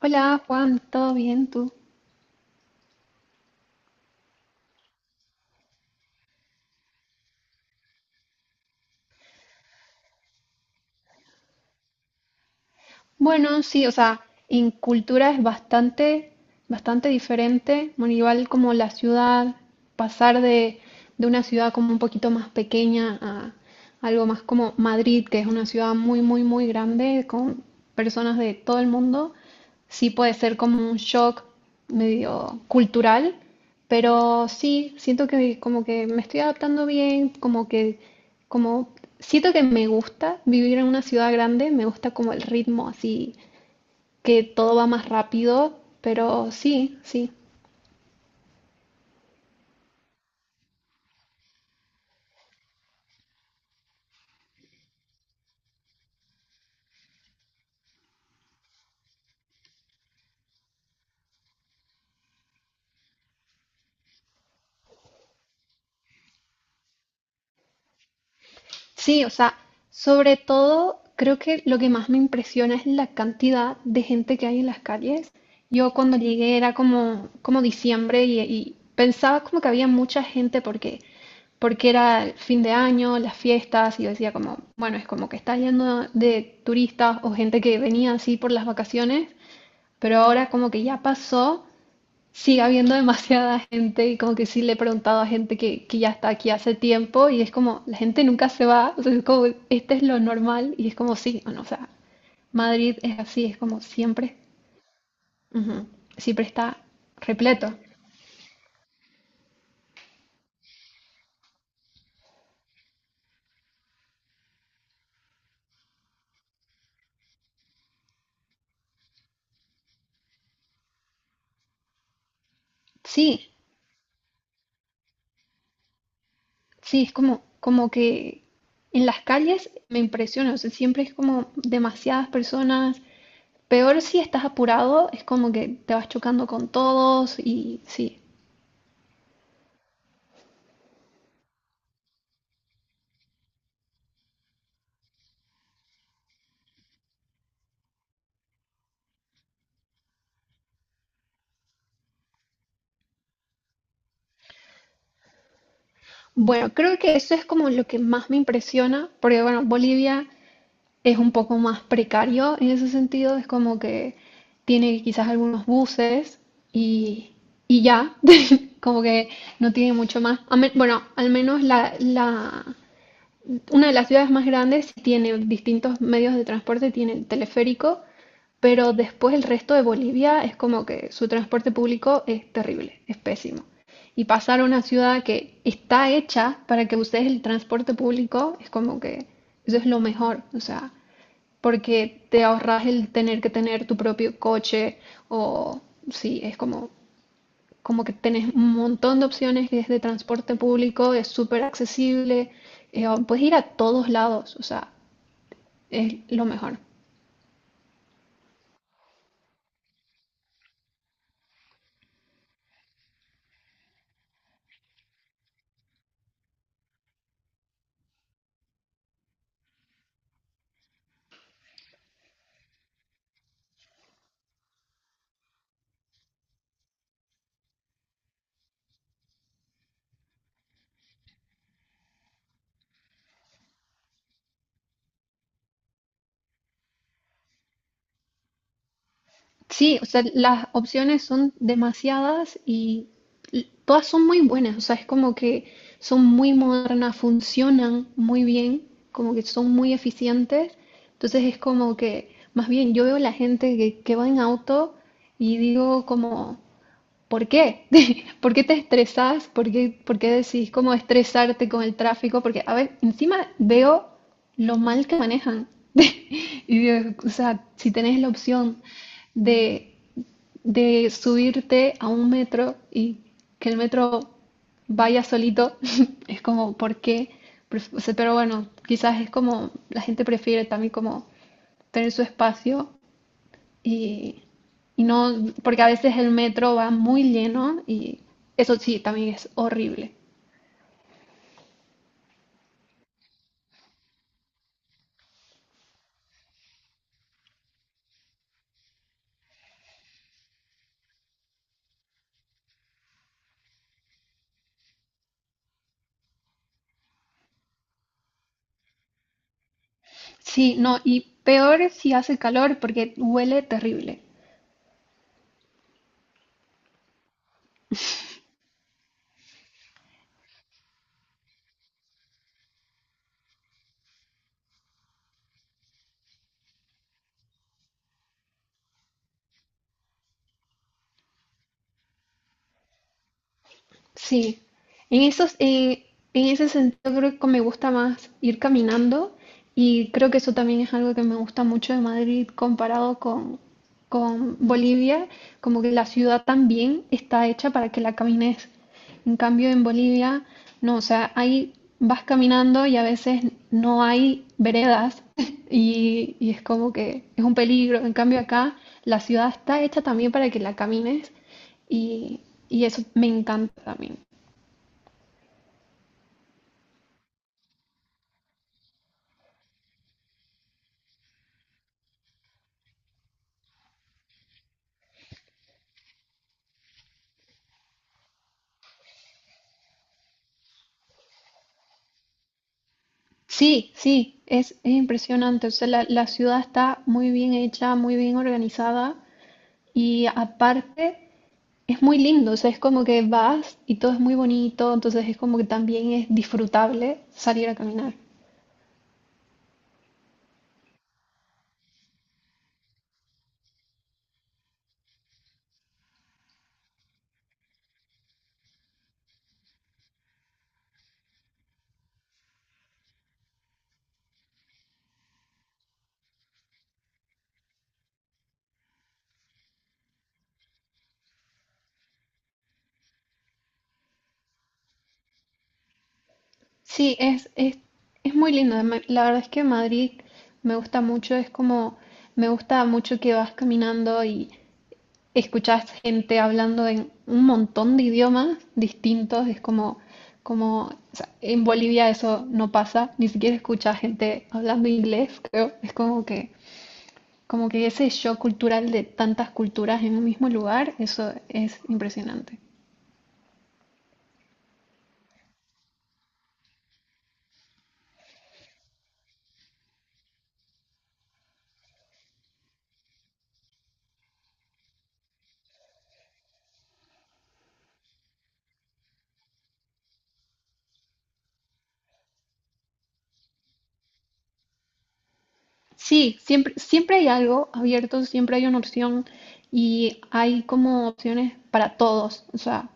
Hola Juan, ¿todo bien tú? Bueno, sí, o sea, en cultura es bastante diferente. Bueno, igual como la ciudad, pasar de una ciudad como un poquito más pequeña a algo más como Madrid, que es una ciudad muy, muy, muy grande, con personas de todo el mundo. Sí puede ser como un shock medio cultural, pero sí, siento que como que me estoy adaptando bien, como que, como, siento que me gusta vivir en una ciudad grande, me gusta como el ritmo así, que todo va más rápido, pero sí, sí. Sí, o sea, sobre todo creo que lo que más me impresiona es la cantidad de gente que hay en las calles. Yo cuando llegué era como diciembre y pensaba como que había mucha gente porque era el fin de año, las fiestas, y yo decía como, bueno, es como que está lleno de turistas o gente que venía así por las vacaciones, pero ahora como que ya pasó, sigue habiendo demasiada gente y como que sí le he preguntado a gente que ya está aquí hace tiempo y es como, la gente nunca se va, o sea, es como, este es lo normal y es como, sí, bueno, o sea, Madrid es así, es como siempre, ujú, siempre está repleto. Sí, sí, es como que en las calles me impresiona, o sea, siempre es como demasiadas personas. Peor si estás apurado, es como que te vas chocando con todos y sí. Bueno, creo que eso es como lo que más me impresiona, porque bueno, Bolivia es un poco más precario en ese sentido, es como que tiene quizás algunos buses y, y ya, como que no tiene mucho más. Bueno, al menos una de las ciudades más grandes tiene distintos medios de transporte, tiene el teleférico, pero después el resto de Bolivia es como que su transporte público es terrible, es pésimo. Y pasar a una ciudad que está hecha para que uses el transporte público es como que eso es lo mejor, o sea, porque te ahorras el tener que tener tu propio coche o sí, es como que tenés un montón de opciones que es de transporte público, es súper accesible, puedes ir a todos lados, o sea, es lo mejor. Sí, o sea, las opciones son demasiadas y todas son muy buenas, o sea, es como que son muy modernas, funcionan muy bien, como que son muy eficientes, entonces es como que, más bien, yo veo la gente que va en auto y digo como. ¿Por qué? ¿Por qué te estresas? ¿Por qué decís cómo estresarte con el tráfico? Porque, a ver, encima veo lo mal que manejan. Y digo, o sea, si tenés la opción de, de subirte a un metro y que el metro vaya solito, es como, ¿por qué? O sea, pero bueno, quizás es como, la gente prefiere también como tener su espacio y, y no, porque a veces el metro va muy lleno y eso sí, también es horrible. Sí, no, y peor si hace calor porque huele terrible. Sí, en ese sentido creo que me gusta más ir caminando y creo que eso también es algo que me gusta mucho de Madrid comparado con Bolivia, como que la ciudad también está hecha para que la camines. En cambio en Bolivia, no, o sea, ahí vas caminando y a veces no hay veredas, y es como que es un peligro. En cambio acá la ciudad está hecha también para que la camines. Y, y eso me encanta también. Sí, sí, es impresionante. O sea, la ciudad está muy bien hecha, muy bien organizada y aparte es muy lindo. O sea, es como que vas y todo es muy bonito, entonces es como que también es disfrutable salir a caminar. Sí, es muy lindo. La verdad es que Madrid me gusta mucho, es como, me gusta mucho que vas caminando y escuchás gente hablando en un montón de idiomas distintos, es o sea, en Bolivia eso no pasa, ni siquiera escuchás gente hablando inglés, creo, es como que ese shock cultural de tantas culturas en un mismo lugar, eso es impresionante. Sí, siempre hay algo abierto, siempre hay una opción y hay como opciones para todos, o sea,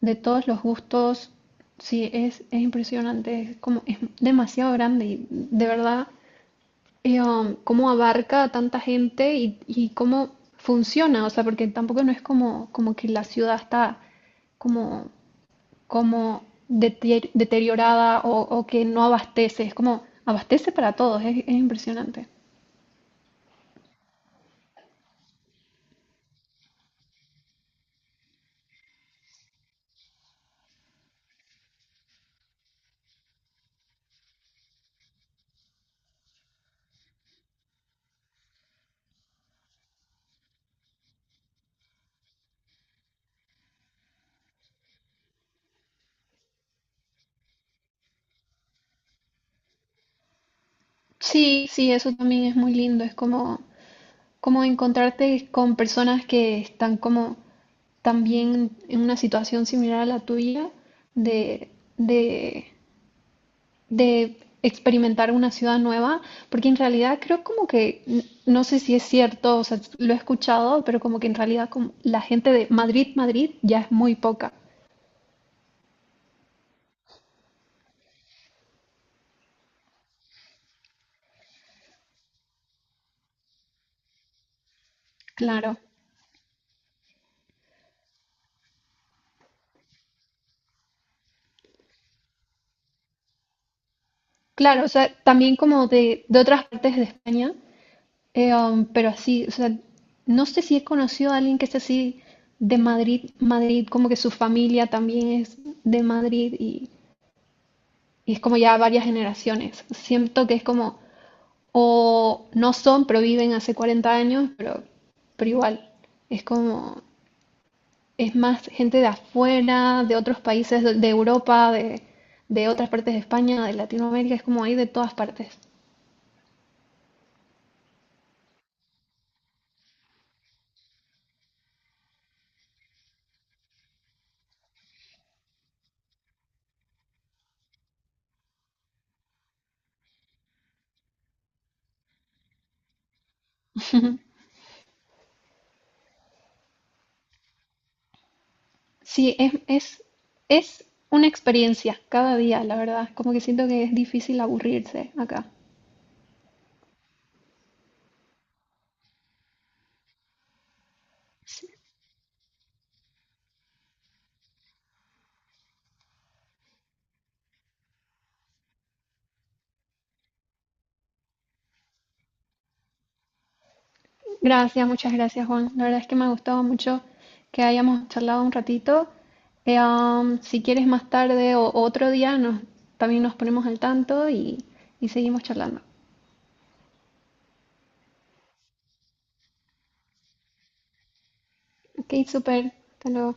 de todos los gustos. Sí, es impresionante, es como, es demasiado grande y de verdad cómo abarca a tanta gente y cómo funciona, o sea, porque tampoco no es como que la ciudad está como, como deteriorada o que no abastece, es como abastece para todos, es impresionante. Sí, sí, eso también es muy lindo. Es como encontrarte con personas que están como también en una situación similar a la tuya, de, de, de experimentar una ciudad nueva, porque en realidad creo como que, no sé si es cierto, o sea, lo he escuchado, pero como que en realidad como la gente de Madrid, Madrid ya es muy poca. Claro, claro, o sea, también como de, otras partes de España. Pero así, o sea, no sé si he conocido a alguien que es así de Madrid, Madrid, como que su familia también es de Madrid y es como ya varias generaciones. Siento que es como, o no son, pero viven hace 40 años, pero igual, es como, es más gente de afuera, de otros países, de, de, Europa, de otras partes de España, de Latinoamérica, es como hay de todas partes. Sí, es una experiencia cada día, la verdad. Como que siento que es difícil aburrirse acá. Sí. Gracias, muchas gracias, Juan. La verdad es que me ha gustado mucho que hayamos charlado un ratito. Si quieres más tarde o otro día, también nos ponemos al tanto y seguimos charlando. Ok, súper. Hasta luego.